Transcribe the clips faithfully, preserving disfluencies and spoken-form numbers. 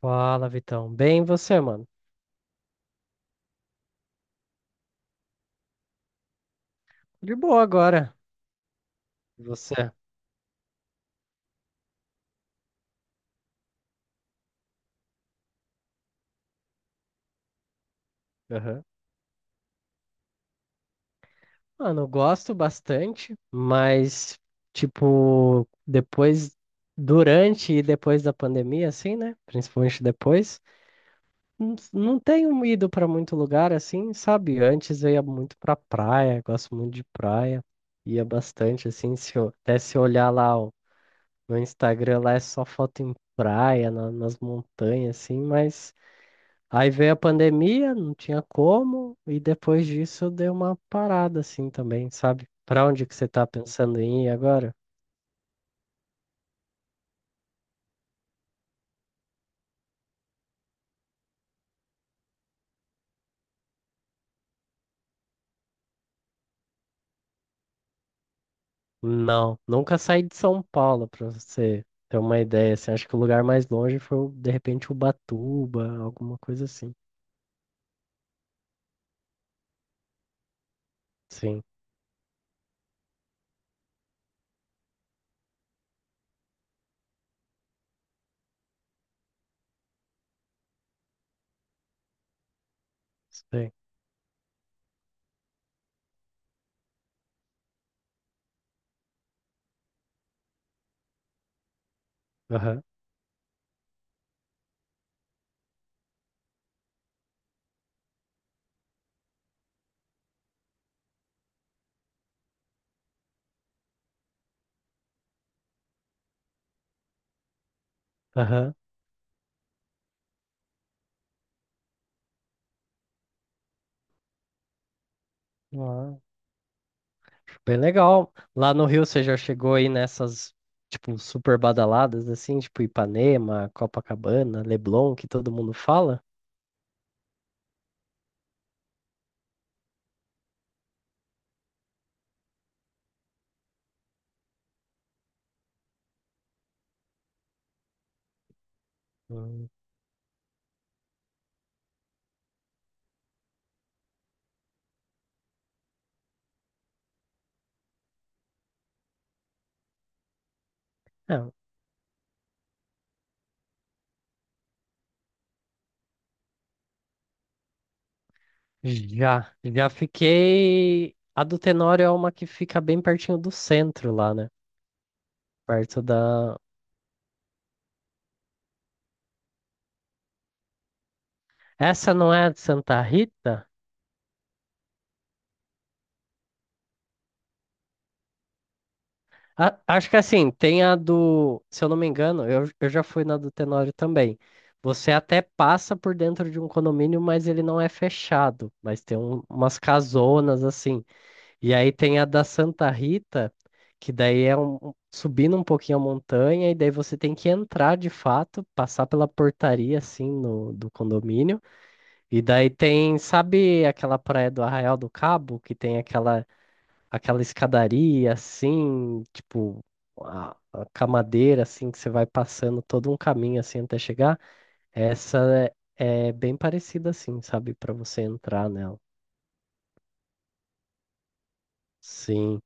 Fala, Vitão. Bem, e você, mano? De boa agora. E você? Aham. Mano, eu gosto bastante, mas, tipo, depois, durante e depois da pandemia, assim, né? Principalmente depois, não não tenho ido pra muito lugar, assim, sabe? Antes eu ia muito pra praia, gosto muito de praia, ia bastante, assim, se eu, até se eu olhar lá ó, no Instagram, lá é só foto em praia, na- nas montanhas, assim, mas. Aí veio a pandemia, não tinha como, e depois disso deu uma parada assim também, sabe? Pra onde que você tá pensando em ir agora? Não, nunca saí de São Paulo, pra você ter uma ideia, assim, acho que o lugar mais longe foi, o- de repente, Ubatuba, alguma coisa assim. Sim, sei. Aham, aham. Ah, bem legal. Lá no Rio você já chegou aí nessas, tipo, super badaladas, assim, tipo Ipanema, Copacabana, Leblon, que todo mundo fala? Hum. É, Já, já fiquei. A do Tenório é uma que fica bem pertinho do centro lá, né? Perto da. Essa não é a de Santa Rita? A- acho que assim, tem a do. Se eu não me engano, eu, eu já fui na do Tenório também. Você até passa por dentro de um condomínio, mas ele não é fechado. Mas tem um- umas casonas assim. E aí tem a da Santa Rita, que daí é um, um- subindo um pouquinho a montanha, e daí você tem que entrar de fato, passar pela portaria assim no, do condomínio. E daí tem, sabe aquela praia do Arraial do Cabo, que tem aquela, aquela escadaria assim, tipo a, a camadeira assim, que você vai passando todo um caminho assim até chegar? Essa é, é bem parecida assim, sabe, para você entrar nela. Sim.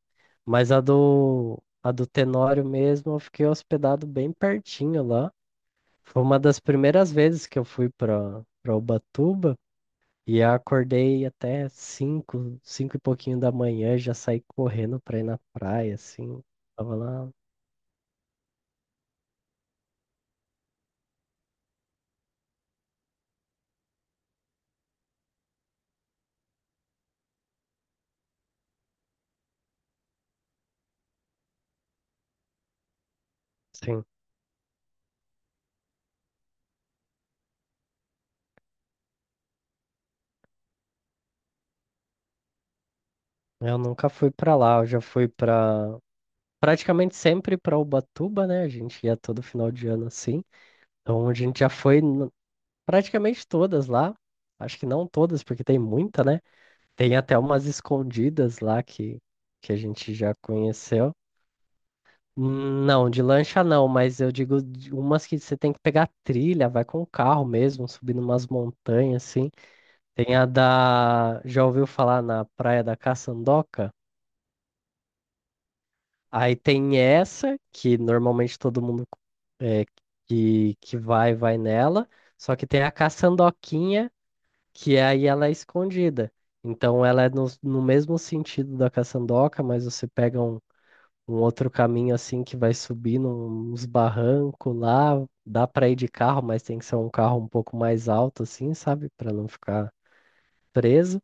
Mas a do, a do Tenório mesmo, eu fiquei hospedado bem pertinho lá. Foi uma das primeiras vezes que eu fui para para Ubatuba e eu acordei até cinco, cinco e pouquinho da manhã, já saí correndo para ir na praia, assim. Tava lá, sim. Eu nunca fui para lá, eu já fui para praticamente sempre para Ubatuba, né? A gente ia todo final de ano assim. Então a gente já foi n- praticamente todas lá. Acho que não todas, porque tem muita, né? Tem até umas escondidas lá que, que a gente já conheceu. Não, de lancha não, mas eu digo de umas que você tem que pegar trilha, vai com o carro mesmo, subindo umas montanhas assim. Tem a da. Já ouviu falar na Praia da Caçandoca? Aí tem essa, que normalmente todo mundo é, que, que vai, vai nela. Só que tem a Caçandoquinha, que aí ela é escondida. Então ela é no, no mesmo sentido da Caçandoca, mas você pega um um outro caminho assim que vai subir uns barrancos lá. Dá para ir de carro, mas tem que ser um carro um pouco mais alto, assim, sabe? Para não ficar preso.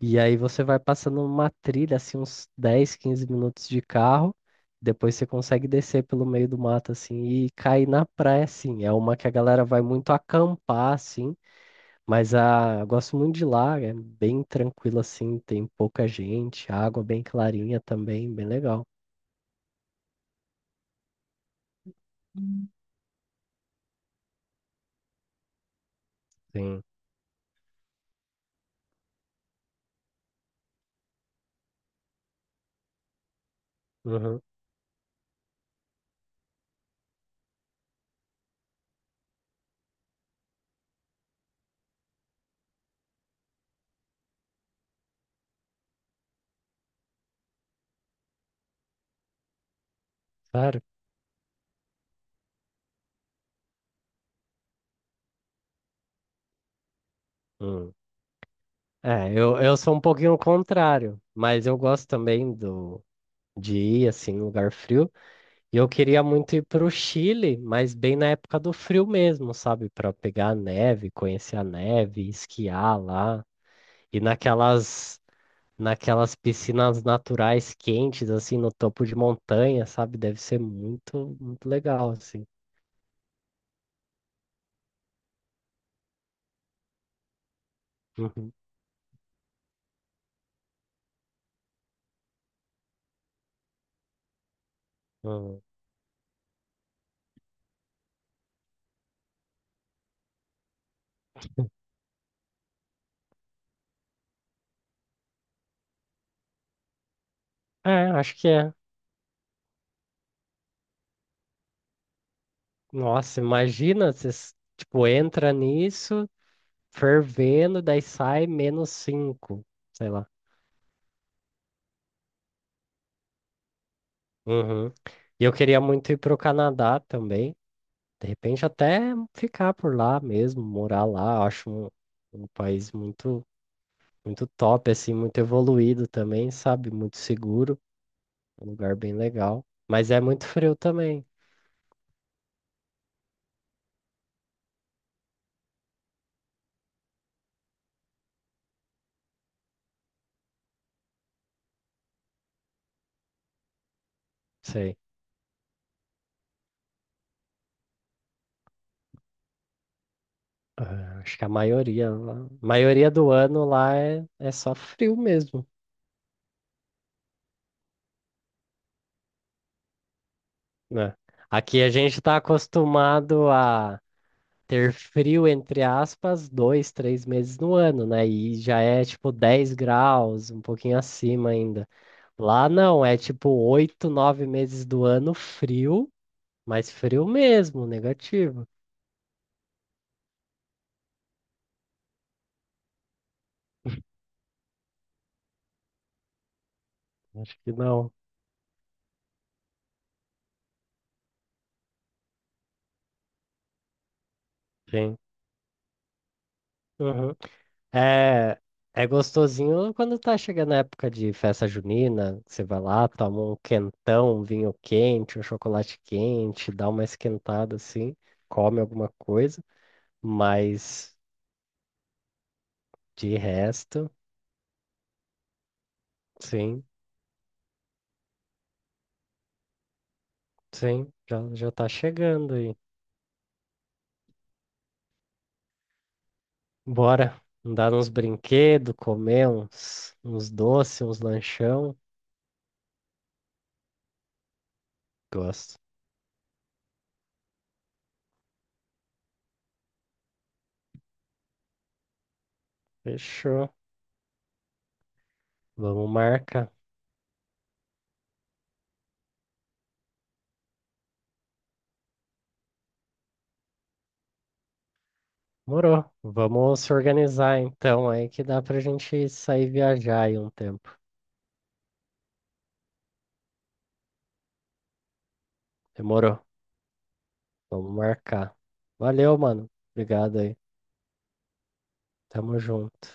E aí você vai passando uma trilha, assim, uns dez quinze minutos de carro. Depois você consegue descer pelo meio do mato, assim, e cair na praia, assim. É uma que a galera vai muito acampar, assim. Mas a, eu gosto muito de lá, é bem tranquilo, assim. Tem pouca gente, água bem clarinha também, bem legal. Sim. Uhum. Claro. Hum. É, eu, eu sou um pouquinho o contrário, mas eu gosto também do, de ir assim, em lugar frio. E eu queria muito ir para o Chile, mas bem na época do frio mesmo, sabe? Para pegar a neve, conhecer a neve, esquiar lá. E naquelas, naquelas piscinas naturais quentes, assim, no topo de montanha, sabe? Deve ser muito, muito legal, assim. Uhum. Uhum. É, acho que é. Nossa, imagina, você s- tipo, entra nisso, fervendo, daí sai menos cinco, sei lá. Uhum. E eu queria muito ir pro Canadá também. De repente até ficar por lá mesmo, morar lá. Eu acho um, um país muito, muito top, assim, muito evoluído também, sabe? Muito seguro, um lugar bem legal. Mas é muito frio também, sei. Ah, acho que a maioria, lá- maioria do ano lá é, é só frio mesmo, né? Aqui a gente tá acostumado a ter frio, entre aspas, dois, três meses no ano, né? E já é tipo dez graus, um pouquinho acima ainda. Lá não, é tipo oito, nove meses do ano frio, mas frio mesmo, negativo. Acho que não. Sim. Uhum. É, é gostosinho quando tá chegando a época de festa junina, que você vai lá, toma um quentão, um vinho quente, um chocolate quente, dá uma esquentada assim, come alguma coisa, mas de resto. Sim, sim, já, já tá chegando aí. Bora andar nos brinquedos, comer uns, uns doces, uns lanchão. Gosto. Fechou. Vamos marcar. Morou. Vamos se organizar então aí que dá pra gente sair viajar aí um tempo. Demorou. Vamos marcar. Valeu, mano. Obrigado aí. Tamo junto.